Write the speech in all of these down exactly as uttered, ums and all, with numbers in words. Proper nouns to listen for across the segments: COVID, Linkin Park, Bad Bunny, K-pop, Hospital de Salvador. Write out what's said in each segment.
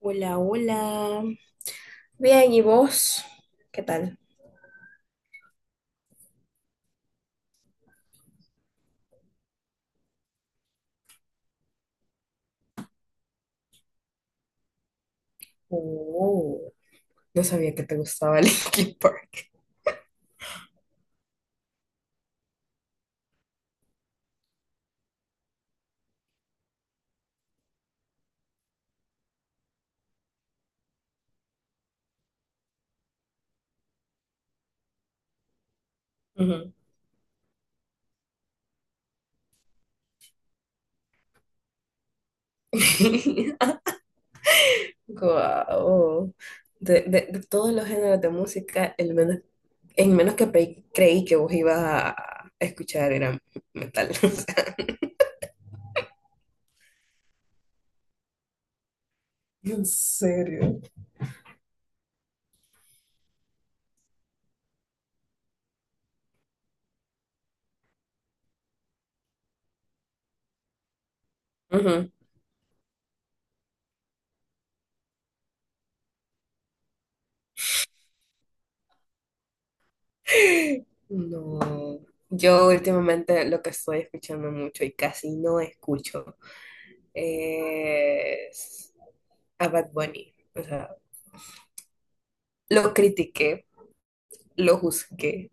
Hola, hola. Bien, ¿y vos? ¿Qué tal? Oh, no sabía que te gustaba Linkin Park. Ujú. Guau. De, de- de todos los géneros de música, el menos en menos que pe- creí que vos ibas a escuchar era metal. O sea, ¿en serio? Ujú. No. Yo últimamente lo que estoy escuchando mucho y casi no escucho es a Bad Bunny. O sea, lo critiqué, lo juzgué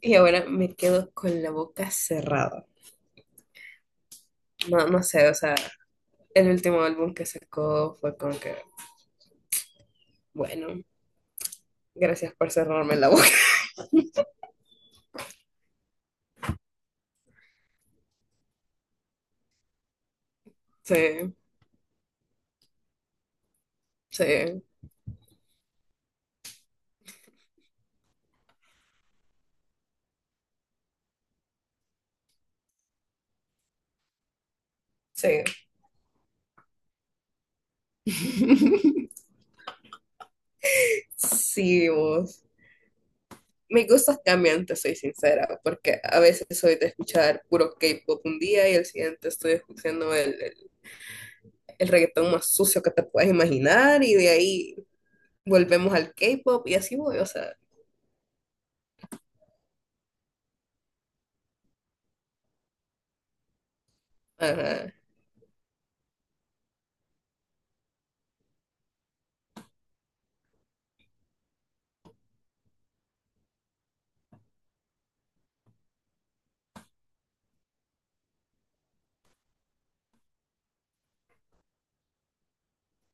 y ahora me quedo con la boca cerrada. No, no sé, o sea, el último álbum que sacó fue como que, bueno, gracias por cerrarme la boca. Sí, sí, sí. Sí, vos. Mis gustos cambian, te soy sincera, porque a veces soy de escuchar puro K-pop un día y el siguiente estoy escuchando el, el, el reggaetón más sucio que te puedas imaginar y de ahí volvemos al K-pop y así voy, o sea, ajá.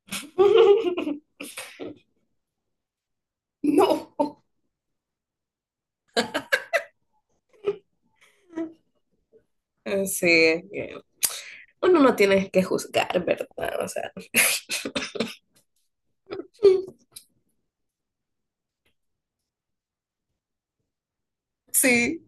No. Sí, es que uno no tiene que juzgar, ¿verdad? O sea, sí,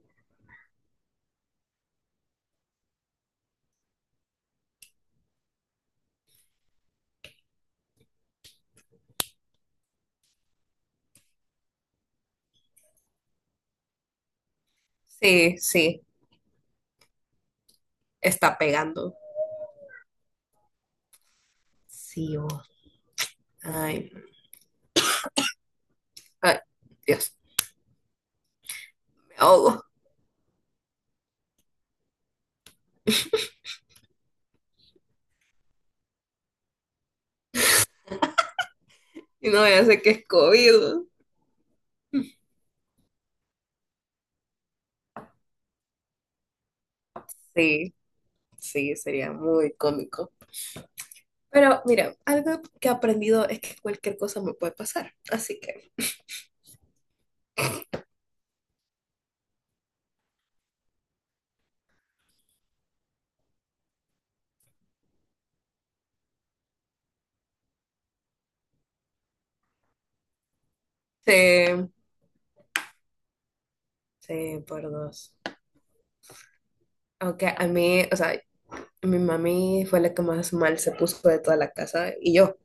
sí, sí, está pegando. Sí, vos. Ay, ay, Dios, me ahogo. Y no, ya sé que es COVID. Sí, sí, sería muy cómico. Pero mira, algo que he aprendido es que cualquier cosa me puede pasar. Así que, sí, sí, por dos. Aunque a mí, o sea, mi mami fue la que más mal se puso de toda la casa y yo.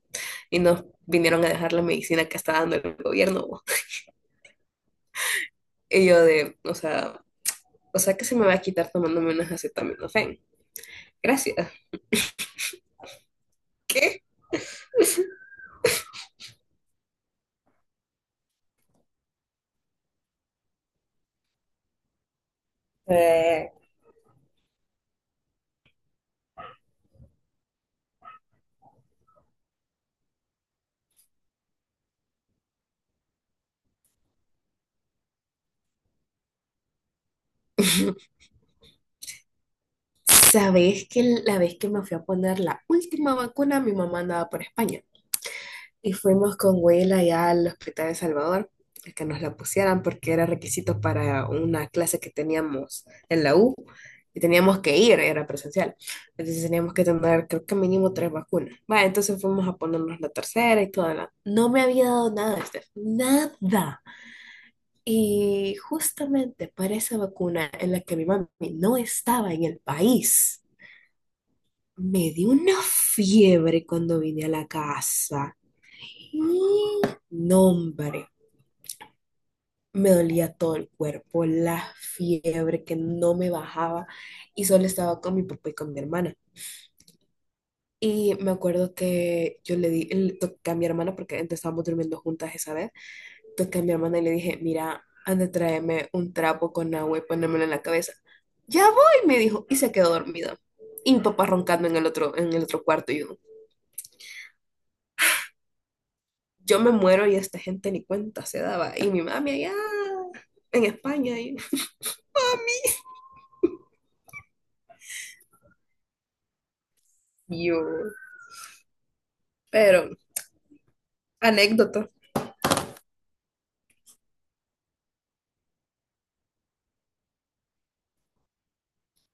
Y nos vinieron a dejar la medicina que está dando el gobierno. Bo. Y yo de, o sea, o sea que se me va a quitar tomándome unas acetaminofén. Gracias. ¿Qué? Eh. Sabes que la vez que me fui a poner la última vacuna, mi mamá andaba por España y fuimos con Huela ya al Hospital de Salvador a que nos la pusieran porque era requisito para una clase que teníamos en la U y teníamos que ir, era presencial. Entonces teníamos que tener, creo que mínimo tres vacunas. Va, entonces fuimos a ponernos la tercera y toda la... No me había dado nada, Steph, nada. Y justamente para esa vacuna en la que mi mami no estaba en el país. Me dio una fiebre cuando vine a la casa. Y no, hombre, me dolía todo el cuerpo, la fiebre que no me bajaba y solo estaba con mi papá y con mi hermana. Y me acuerdo que yo le di, le toqué a mi hermana, porque antes estábamos durmiendo juntas esa vez, toqué a mi hermana y le dije, mira, anda, tráeme un trapo con agua y ponérmelo en la cabeza. Ya voy, me dijo, y se quedó dormido. Y mi papá roncando en el otro, en el otro cuarto y yo, yo me muero y esta gente ni cuenta se daba. Y mi mami allá en España. Y yo. Pero, anécdota.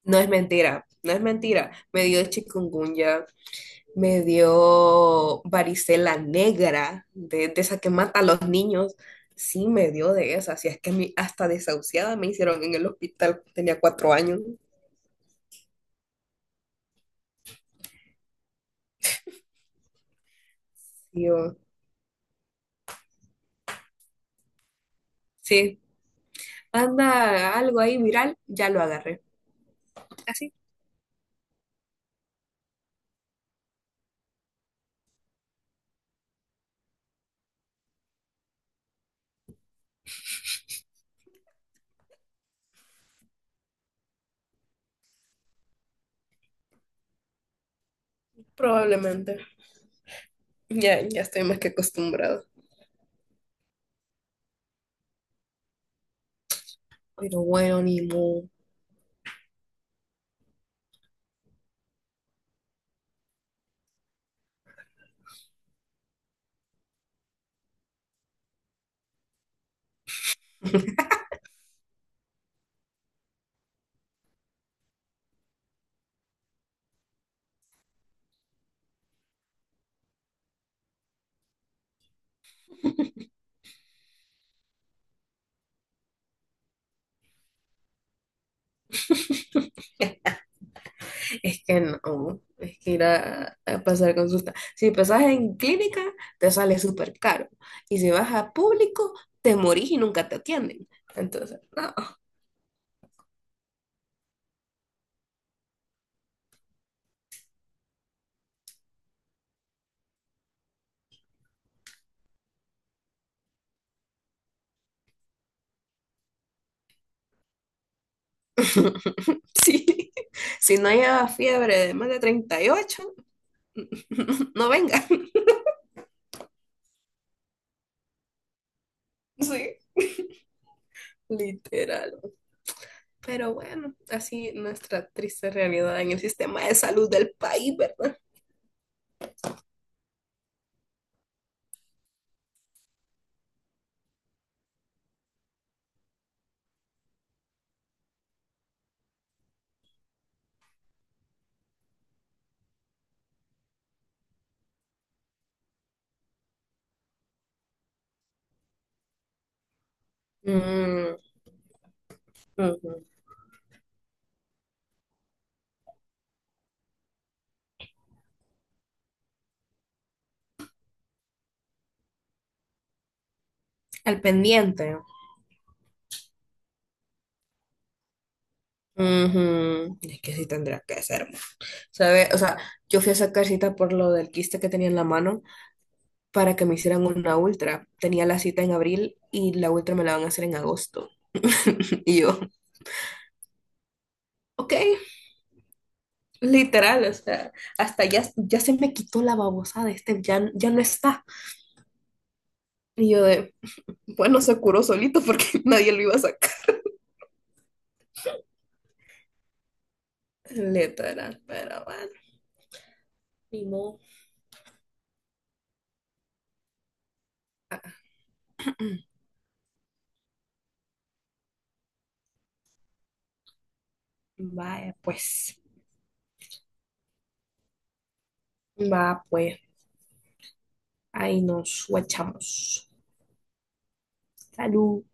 No es mentira, no es mentira. Me dio chikungunya, me dio varicela negra, de, de esa que mata a los niños. Sí, me dio de esa. Si es que a mí hasta desahuciada me hicieron en el hospital, tenía cuatro años. Y yo, sí, anda algo ahí viral, ya lo agarré. Así, probablemente. Ya, ya estoy más que acostumbrado. Pero bueno, ni modo. Es que no, es que ir a, a pasar consulta. Si pasas en clínica, te sale súper caro. Y si vas a público, te morís y nunca te atienden. Entonces, no. Sí. Si no lleva fiebre de más de treinta y ocho, no venga. Sí, literal. Pero bueno, así nuestra triste realidad en el sistema de salud del país, ¿verdad? Mm, ujú. Al pendiente. Ujú, es que sí tendría que ser, ¿sabe? O sea, yo fui a sacar cita por lo del quiste que tenía en la mano para que me hicieran una ultra. Tenía la cita en abril y la ultra me la van a hacer en agosto. Y yo, ok, literal, o sea, hasta ya, ya se me quitó la babosada, este ya, ya no está. Y yo de, bueno, se curó solito porque nadie lo iba a sacar. Literal, pero bueno, ni modo. Vaya, pues, va, pues, ahí nos guachamos. Salud.